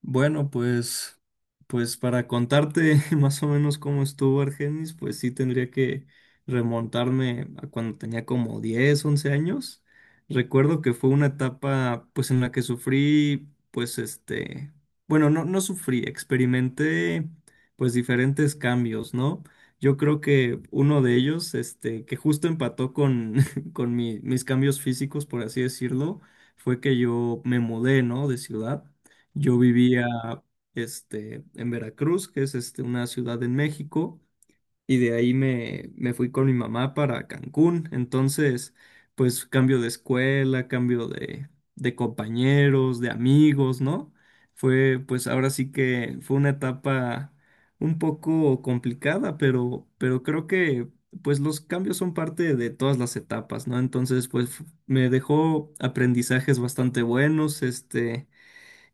Bueno, pues, pues para contarte más o menos cómo estuvo Argenis, pues sí tendría que remontarme a cuando tenía como 10 11 años. Recuerdo que fue una etapa pues en la que sufrí, pues bueno, no sufrí, experimenté pues diferentes cambios, ¿no? Yo creo que uno de ellos, que justo empató con, con mis cambios físicos, por así decirlo, fue que yo me mudé, ¿no? De ciudad. Yo vivía en Veracruz, que es una ciudad en México, y de ahí me fui con mi mamá para Cancún. Entonces, pues cambio de escuela, cambio de compañeros, de amigos, ¿no? Fue, pues ahora sí que fue una etapa un poco complicada, pero creo que pues los cambios son parte de todas las etapas, ¿no? Entonces, pues me dejó aprendizajes bastante buenos,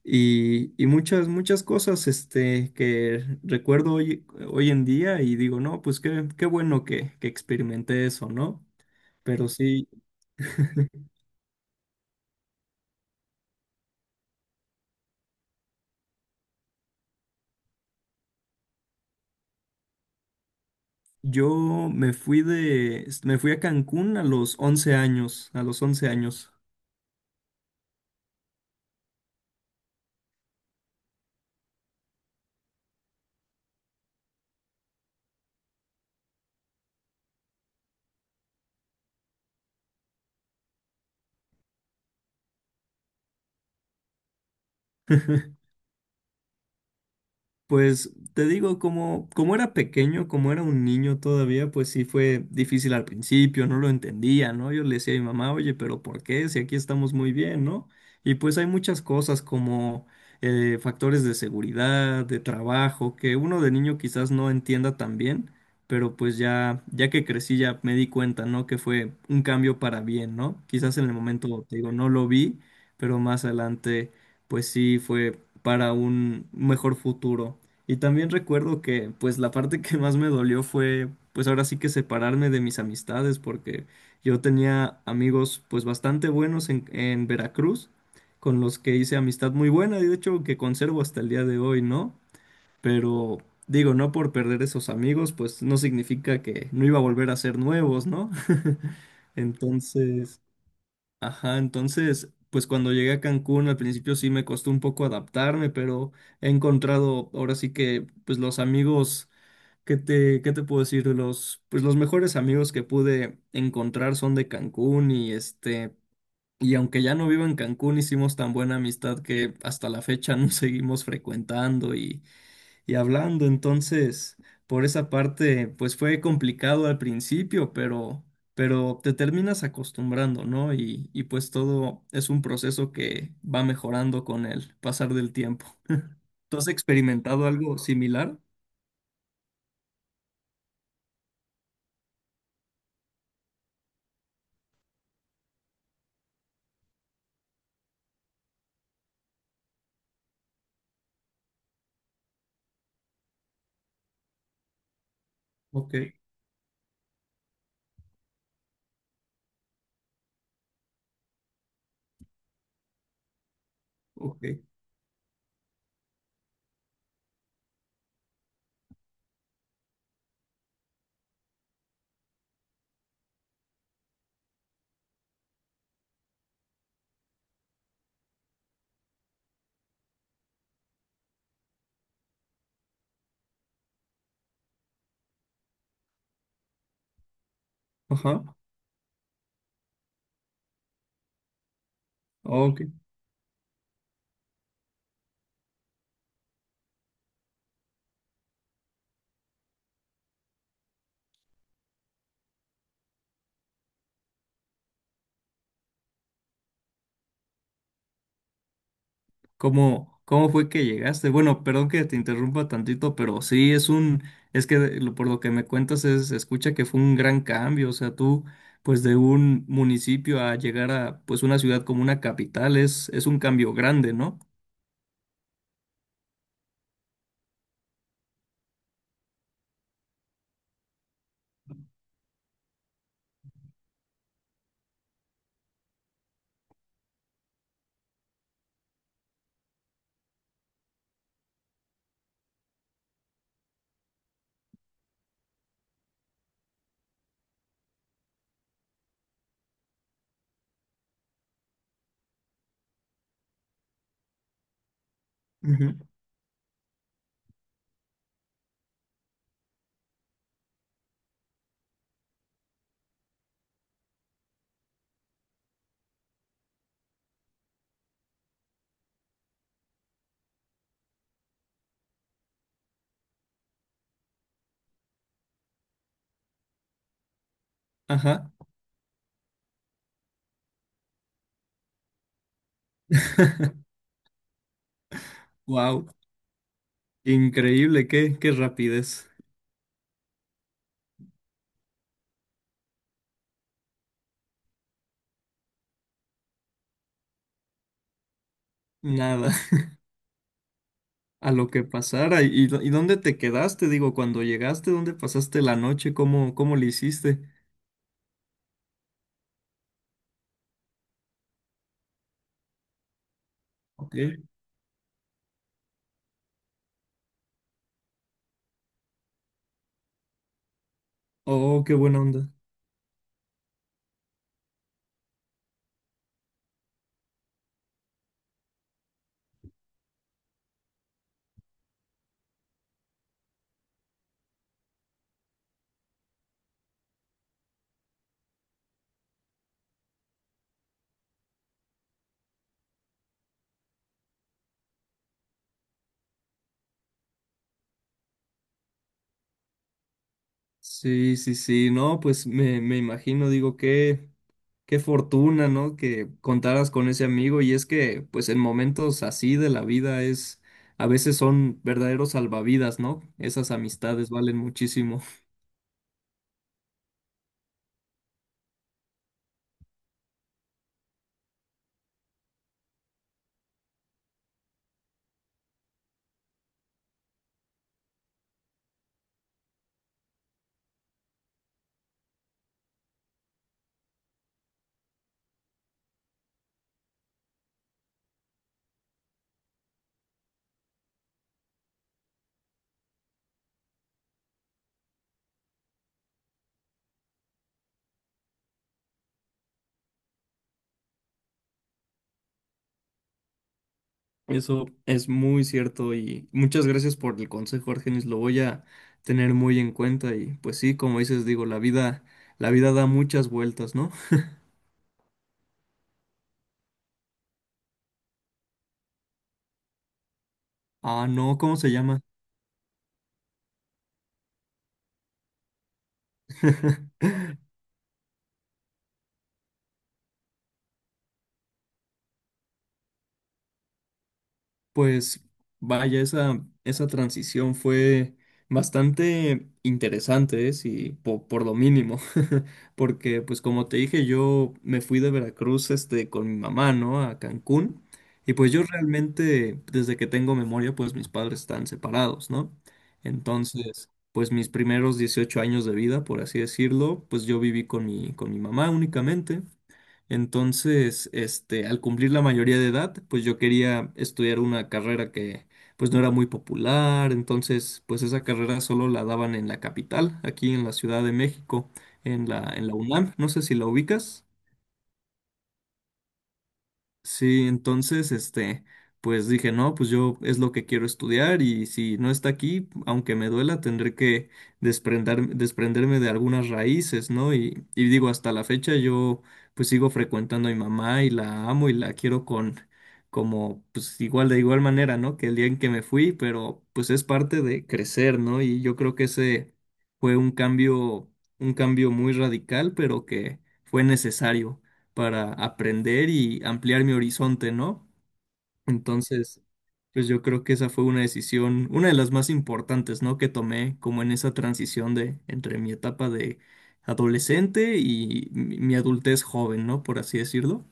y muchas, muchas cosas que recuerdo hoy, hoy en día y digo, no, pues qué, qué bueno que experimenté eso, ¿no? Pero sí, yo me me fui a Cancún a los 11 años, a los 11 años. Pues te digo, como, como era pequeño, como era un niño todavía, pues sí fue difícil al principio, no lo entendía, ¿no? Yo le decía a mi mamá, oye, pero ¿por qué? Si aquí estamos muy bien, ¿no? Y pues hay muchas cosas como factores de seguridad, de trabajo, que uno de niño quizás no entienda tan bien, pero pues ya, ya que crecí ya me di cuenta, ¿no? Que fue un cambio para bien, ¿no? Quizás en el momento, te digo, no lo vi, pero más adelante, pues sí fue para un mejor futuro. Y también recuerdo que, pues, la parte que más me dolió fue, pues, ahora sí que separarme de mis amistades, porque yo tenía amigos, pues, bastante buenos en Veracruz, con los que hice amistad muy buena, y de hecho que conservo hasta el día de hoy, ¿no? Pero, digo, no por perder esos amigos, pues, no significa que no iba a volver a ser nuevos, ¿no? Entonces... Ajá, entonces, pues cuando llegué a Cancún al principio sí me costó un poco adaptarme, pero he encontrado ahora sí que pues los amigos que te qué te puedo decir, los pues los mejores amigos que pude encontrar son de Cancún y y aunque ya no vivo en Cancún hicimos tan buena amistad que hasta la fecha nos seguimos frecuentando y hablando. Entonces, por esa parte, pues fue complicado al principio, pero te terminas acostumbrando, ¿no? Y pues todo es un proceso que va mejorando con el pasar del tiempo. ¿Tú has experimentado algo similar? Ok, ok. Ajá, ok. ¿Cómo, cómo fue que llegaste? Bueno, perdón que te interrumpa tantito, pero sí es un, es que por lo que me cuentas es, se escucha que fue un gran cambio, o sea, tú, pues de un municipio a llegar a, pues una ciudad como una capital es un cambio grande, ¿no? Ujú. Ajá. Wow, increíble, qué, qué rapidez. Nada, a lo que pasara. Y dónde te quedaste? Digo, cuando llegaste, ¿dónde pasaste la noche? ¿Cómo, cómo le hiciste? Ok. Oh, qué buena onda. Sí, sí, sí, no, pues me imagino, digo, qué, qué fortuna, ¿no? Que contaras con ese amigo y es que, pues en momentos así de la vida es, a veces son verdaderos salvavidas, ¿no? Esas amistades valen muchísimo. Eso es muy cierto y muchas gracias por el consejo, Argenis, lo voy a tener muy en cuenta y pues sí, como dices, digo, la vida da muchas vueltas, ¿no? Ah, no, ¿cómo se llama? Pues vaya, esa transición fue bastante interesante, ¿eh? Sí, por, lo mínimo, porque pues como te dije, yo me fui de Veracruz con mi mamá, ¿no? A Cancún, y pues yo realmente, desde que tengo memoria, pues mis padres están separados, ¿no? Entonces, pues mis primeros 18 años de vida, por así decirlo, pues yo viví con con mi mamá únicamente. Entonces, al cumplir la mayoría de edad, pues yo quería estudiar una carrera que pues no era muy popular, entonces pues esa carrera solo la daban en la capital, aquí en la Ciudad de México, en la UNAM, no sé si la ubicas. Sí, entonces, pues dije, no, pues yo es lo que quiero estudiar y si no está aquí, aunque me duela, tendré que desprenderme de algunas raíces, ¿no? Y digo, hasta la fecha yo pues sigo frecuentando a mi mamá y la amo y la quiero con, como, pues igual, de igual manera, ¿no? Que el día en que me fui, pero pues es parte de crecer, ¿no? Y yo creo que ese fue un cambio muy radical, pero que fue necesario para aprender y ampliar mi horizonte, ¿no? Entonces, pues yo creo que esa fue una decisión, una de las más importantes, ¿no? Que tomé como en esa transición de entre mi etapa de adolescente y mi adultez joven, ¿no? Por así decirlo.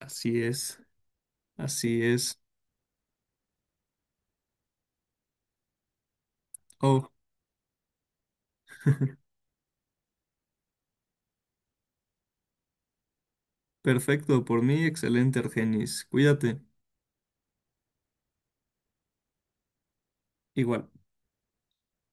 Así es, así es. Oh, perfecto, por mí, excelente, Argenis. Cuídate. Igual.